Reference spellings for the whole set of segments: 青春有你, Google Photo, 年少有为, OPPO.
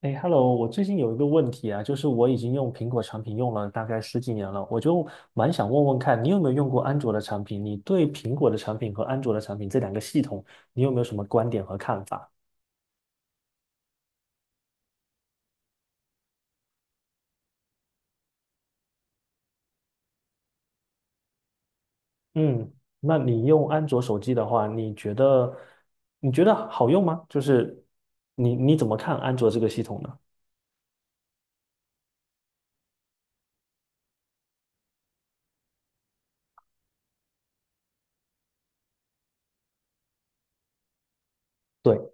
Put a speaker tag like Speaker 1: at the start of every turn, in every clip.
Speaker 1: 哎，Hello，我最近有一个问题啊，就是我已经用苹果产品用了大概十几年了，我就蛮想问问看，你有没有用过安卓的产品？你对苹果的产品和安卓的产品这两个系统，你有没有什么观点和看法？嗯，那你用安卓手机的话，你觉得好用吗？就是你怎么看安卓这个系统呢？对，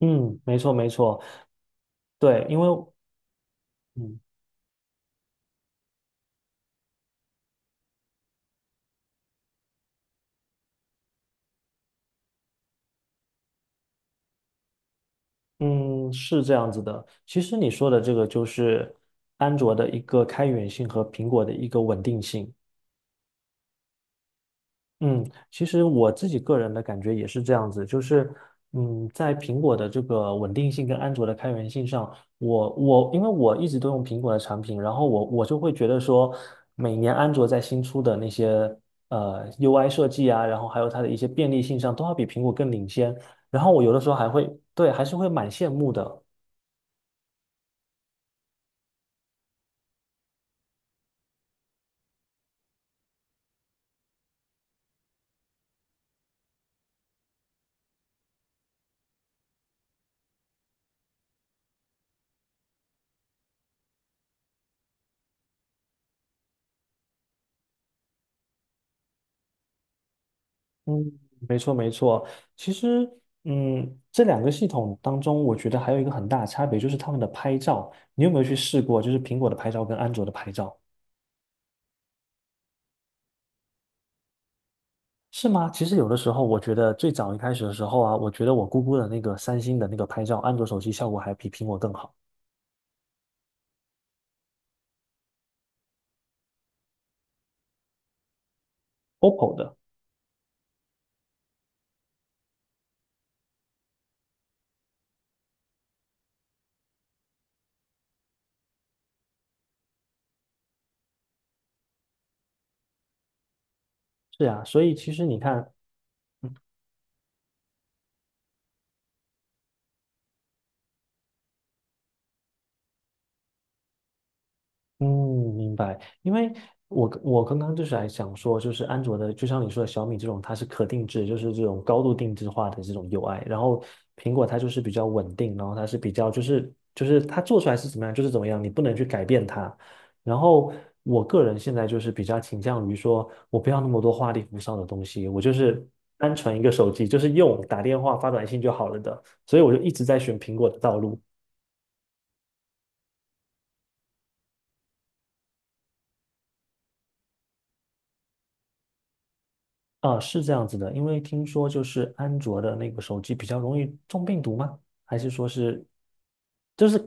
Speaker 1: 嗯，没错没错，对，因为。嗯。嗯，是这样子的。其实你说的这个就是安卓的一个开源性和苹果的一个稳定性。嗯，其实我自己个人的感觉也是这样子，就是，在苹果的这个稳定性跟安卓的开源性上，我因为我一直都用苹果的产品，然后我就会觉得说，每年安卓在新出的那些UI 设计啊，然后还有它的一些便利性上，都要比苹果更领先。然后我有的时候还会，对，还是会蛮羡慕的。嗯，没错没错。其实，这两个系统当中，我觉得还有一个很大的差别就是他们的拍照。你有没有去试过，就是苹果的拍照跟安卓的拍照？是吗？其实有的时候，我觉得最早一开始的时候啊，我觉得我姑姑的那个三星的那个拍照，安卓手机效果还比苹果更好，OPPO 的。是啊，所以其实你看。嗯，明白。因为我刚刚就是还想说，就是安卓的，就像你说的小米这种，它是可定制，就是这种高度定制化的这种 UI。然后苹果它就是比较稳定，然后它是比较就是它做出来是怎么样就是怎么样，你不能去改变它。然后我个人现在就是比较倾向于说，我不要那么多花里胡哨的东西，我就是单纯一个手机，就是用打电话发短信就好了的。所以我就一直在选苹果的道路。啊，是这样子的，因为听说就是安卓的那个手机比较容易中病毒吗？还是说是，就是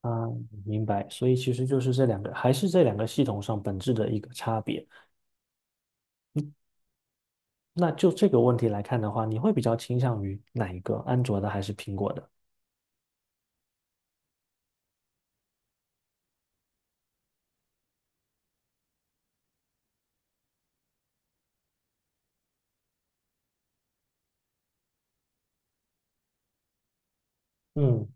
Speaker 1: 啊，明白，所以其实就是这两个，还是这两个系统上本质的一个差别。那就这个问题来看的话，你会比较倾向于哪一个，安卓的还是苹果的？嗯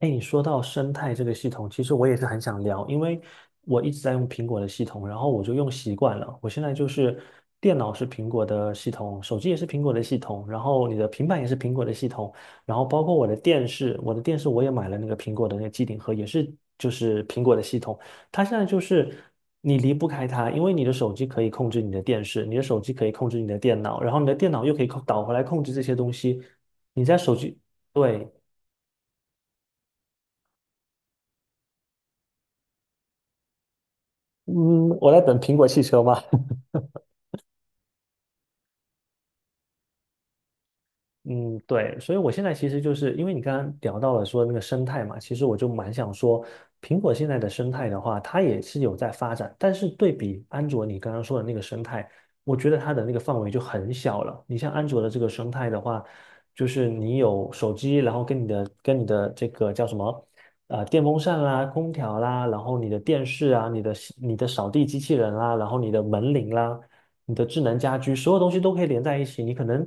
Speaker 1: 哎，你说到生态这个系统，其实我也是很想聊，因为我一直在用苹果的系统，然后我就用习惯了。我现在就是电脑是苹果的系统，手机也是苹果的系统，然后你的平板也是苹果的系统，然后包括我的电视，我的电视我也买了那个苹果的那个机顶盒，也是就是苹果的系统。它现在就是你离不开它，因为你的手机可以控制你的电视，你的手机可以控制你的电脑，然后你的电脑又可以控导回来控制这些东西。你在手机，对。嗯，我在等苹果汽车嘛，嗯，对，所以我现在其实就是因为你刚刚聊到了说那个生态嘛，其实我就蛮想说，苹果现在的生态的话，它也是有在发展，但是对比安卓你刚刚说的那个生态，我觉得它的那个范围就很小了。你像安卓的这个生态的话，就是你有手机，然后跟你的这个叫什么，电风扇啦、空调啦，然后你的电视啊、你的扫地机器人啦，然后你的门铃啦。你的智能家居，所有东西都可以连在一起。你可能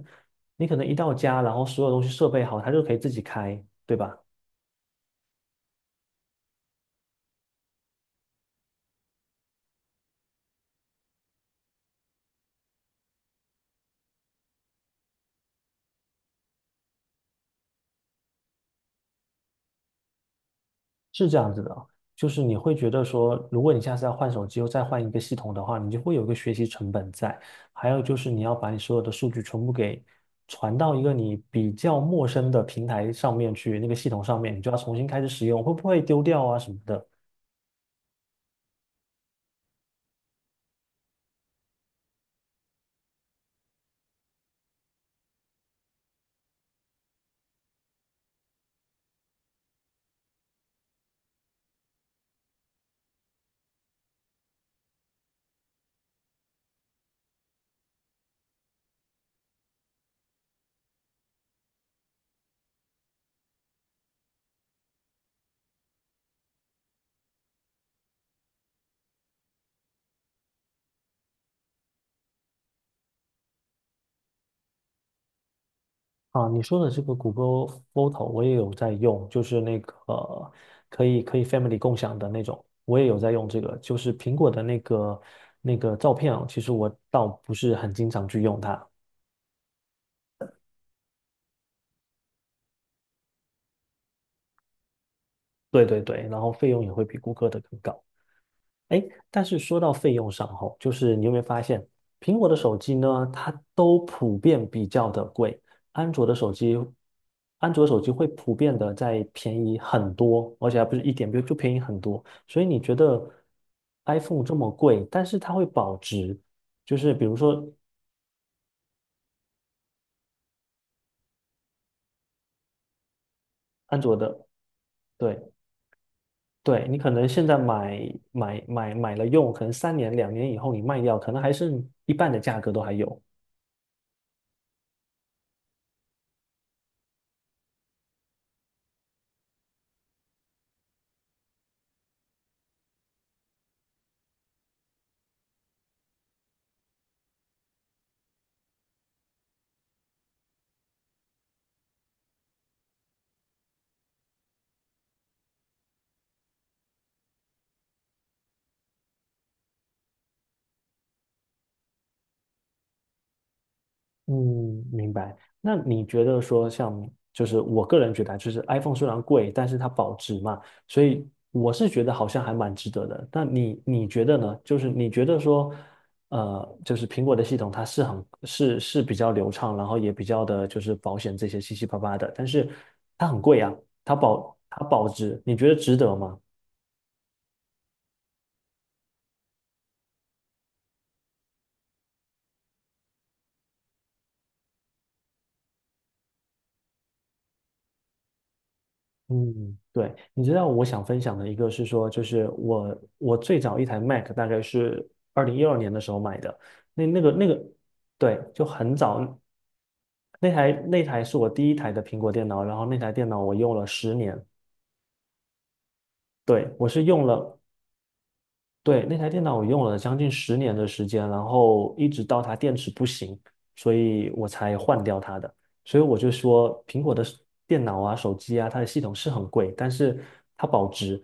Speaker 1: 你可能一到家，然后所有东西设备好，它就可以自己开，对吧？是这样子的哦，就是你会觉得说，如果你下次要换手机又再换一个系统的话，你就会有一个学习成本在。还有就是你要把你所有的数据全部给传到一个你比较陌生的平台上面去，那个系统上面，你就要重新开始使用，会不会丢掉啊什么的？啊，你说的这个谷歌 Photo 我也有在用，就是那个可以 family 共享的那种，我也有在用这个。就是苹果的那个照片啊，其实我倒不是很经常去用它。对对对，然后费用也会比谷歌的更高。哎，但是说到费用上吼，就是你有没有发现，苹果的手机呢，它都普遍比较的贵，安卓的手机，安卓手机会普遍的在便宜很多，而且还不是一点，比如就便宜很多。所以你觉得 iPhone 这么贵，但是它会保值，就是比如说安卓的，对对，你可能现在买了用，可能3年2年以后你卖掉，可能还剩一半的价格都还有。嗯，明白。那你觉得说像，就是我个人觉得啊就是 iPhone 虽然贵，但是它保值嘛，所以我是觉得好像还蛮值得的。那你觉得呢？就是你觉得说，就是苹果的系统它是很是比较流畅，然后也比较的就是保险这些七七八八的，但是它很贵啊，它保值，你觉得值得吗？嗯，对，你知道我想分享的一个是说，就是我最早一台 Mac 大概是2012年的时候买的，那个，对，就很早，那台是我第一台的苹果电脑，然后那台电脑我用了十年，对，我是用了对，那台电脑我用了将近十年的时间，然后一直到它电池不行，所以我才换掉它的。所以我就说，苹果的电脑啊、手机啊，它的系统是很贵，但是它保值，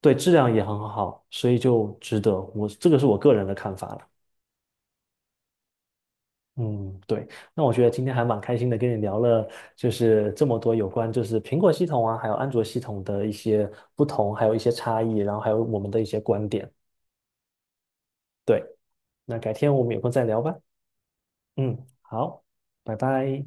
Speaker 1: 对，质量也很好，所以就值得。我这个是我个人的看法了。嗯，对。那我觉得今天还蛮开心的，跟你聊了就是这么多有关就是苹果系统啊，还有安卓系统的一些不同，还有一些差异，然后还有我们的一些观点。对，那改天我们有空再聊吧。嗯，好，拜拜。